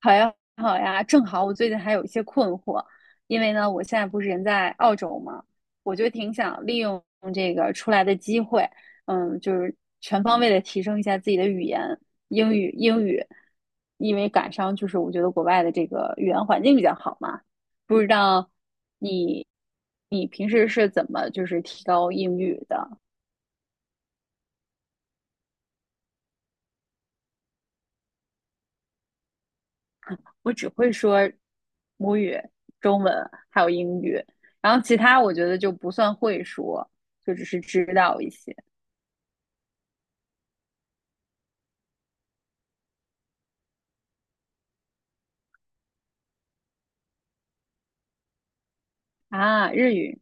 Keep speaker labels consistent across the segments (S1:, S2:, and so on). S1: 好呀，好呀，正好我最近还有一些困惑，因为呢，我现在不是人在澳洲嘛，我就挺想利用这个出来的机会，就是全方位的提升一下自己的语言，英语，因为赶上就是我觉得国外的这个语言环境比较好嘛，不知道你你平时是怎么就是提高英语的？我只会说母语、中文还有英语，然后其他我觉得就不算会说，就只是知道一些啊。日语，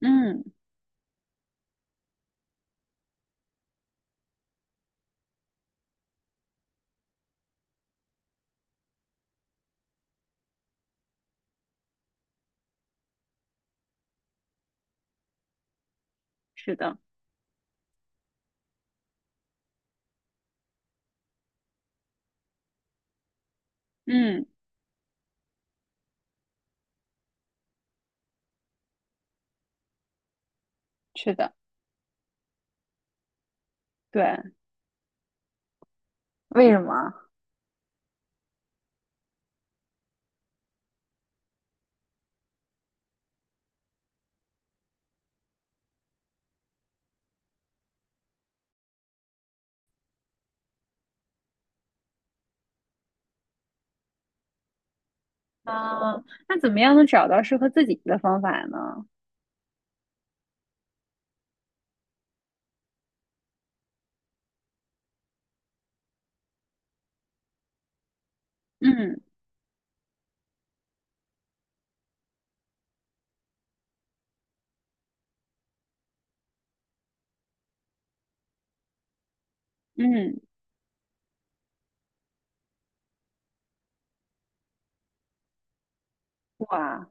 S1: 嗯，是的，嗯，是的，对，为什么啊？那怎么样能找到适合自己的方法呢？嗯嗯，哇，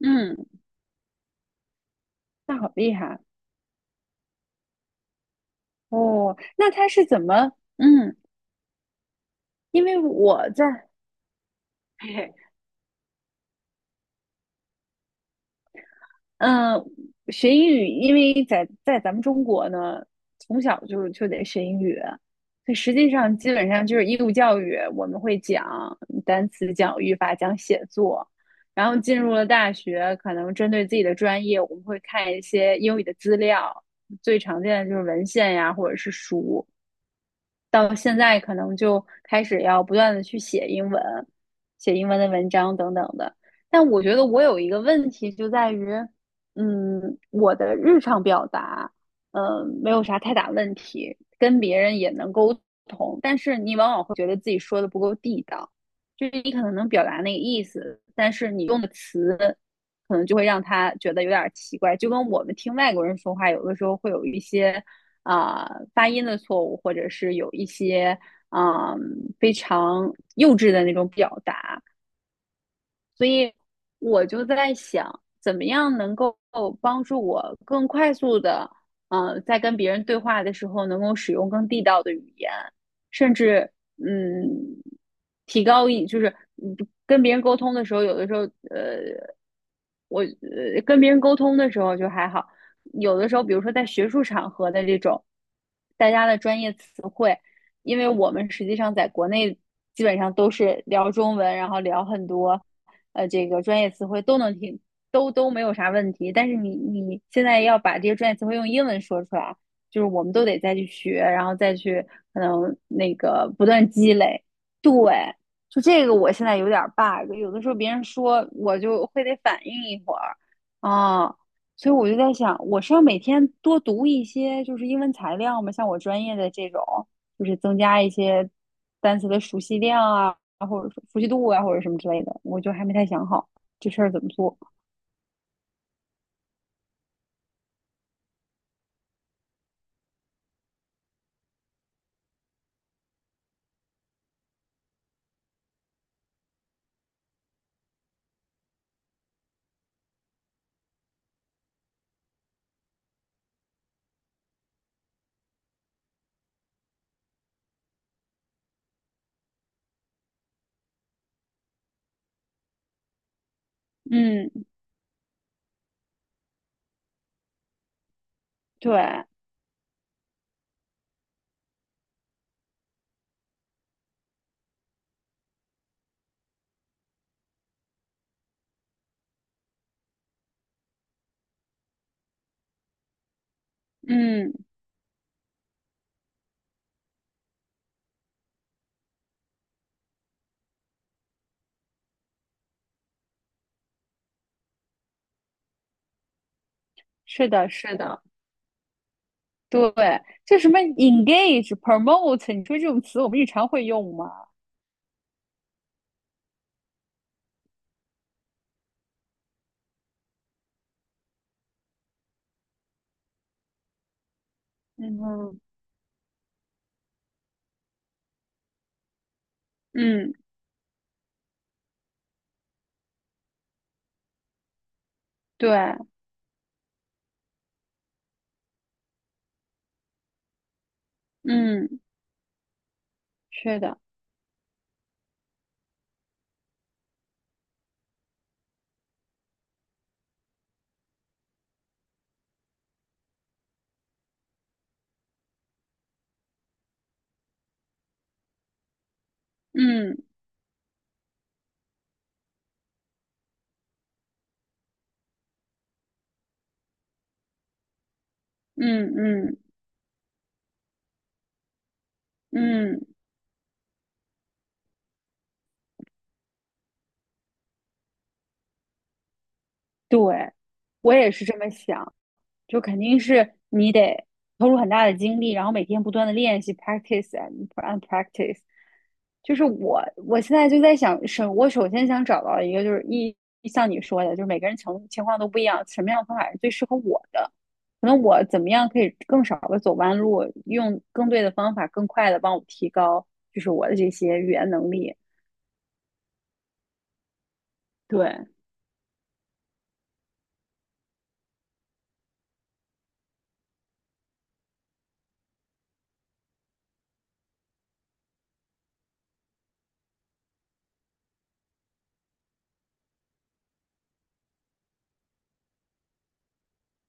S1: 嗯，那好厉害哦。那他是怎么？嗯，因为我在。嘿嘿。嗯，学英语，因为在咱们中国呢，从小就得学英语，所以实际上基本上就是义务教育，我们会讲单词、讲语法、讲写作，然后进入了大学，可能针对自己的专业，我们会看一些英语的资料，最常见的就是文献呀，或者是书，到现在可能就开始要不断的去写英文，写英文的文章等等的。但我觉得我有一个问题就在于，我的日常表达，没有啥太大问题，跟别人也能沟通，但是你往往会觉得自己说的不够地道，就是你可能能表达那个意思，但是你用的词可能就会让他觉得有点奇怪，就跟我们听外国人说话，有的时候会有一些。发音的错误，或者是有一些嗯、呃非常幼稚的那种表达。所以我就在想，怎么样能够帮助我更快速的，在跟别人对话的时候，能够使用更地道的语言，甚至嗯，提高一就是嗯跟别人沟通的时候，有的时候呃，我跟别人沟通的时候就还好，有的时候，比如说在学术场合的这种大家的专业词汇，因为我们实际上在国内基本上都是聊中文，然后聊很多这个专业词汇都能听，都没有啥问题。但是你现在要把这些专业词汇用英文说出来，就是我们都得再去学，然后再去可能那个不断积累。对，就这个我现在有点 bug，有的时候别人说我就会得反应一会儿啊。所以我就在想，我是要每天多读一些就是英文材料吗？像我专业的这种，就是增加一些单词的熟悉量啊，或者说熟悉度啊，或者什么之类的，我就还没太想好这事儿怎么做。嗯，对，嗯，是的，是的，对，就什么 engage、promote，你说这种词我们日常会用吗？嗯哼嗯，对，嗯，是的，嗯嗯嗯嗯，对，我也是这么想。就肯定是你得投入很大的精力，然后每天不断的练习，practice and practice。就是我现在就在想，是，我首先想找到一个，就是一像你说的，就是每个人情况都不一样，什么样的方法是最适合我的？可能我怎么样可以更少的走弯路，用更对的方法，更快的帮我提高，就是我的这些语言能力。对，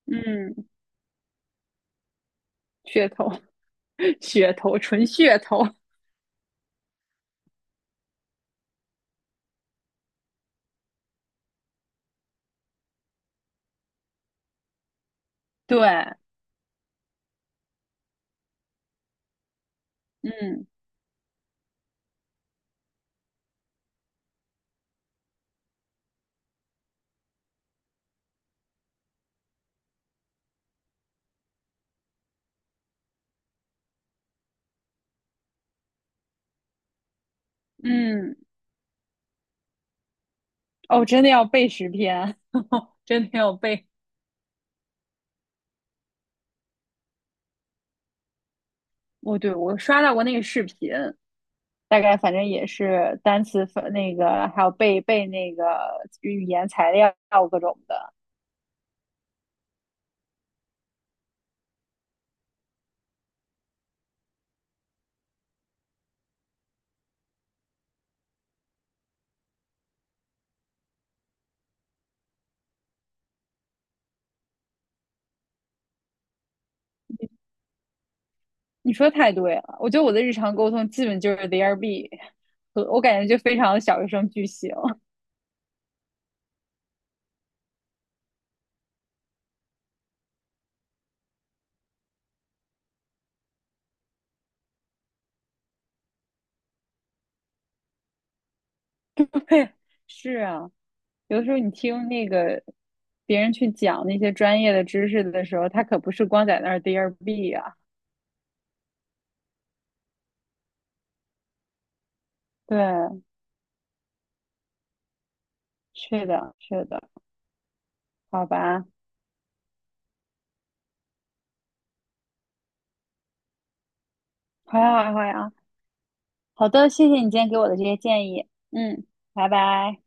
S1: 嗯，噱头，噱头，纯噱头。对，嗯嗯。哦，真的要背10篇，真的要背。哦，对，我刷到过那个视频，大概反正也是单词分那个，还有背那个语言材料各种的。你你说太对了，我觉得我的日常沟通基本就是 there be，和我感觉就非常的小学生句型。是啊，有的时候你听那个别人去讲那些专业的知识的时候，他可不是光在那儿 there be 啊。对，是的，是的，好吧，好呀，好呀。好的，谢谢你今天给我的这些建议。嗯，拜拜。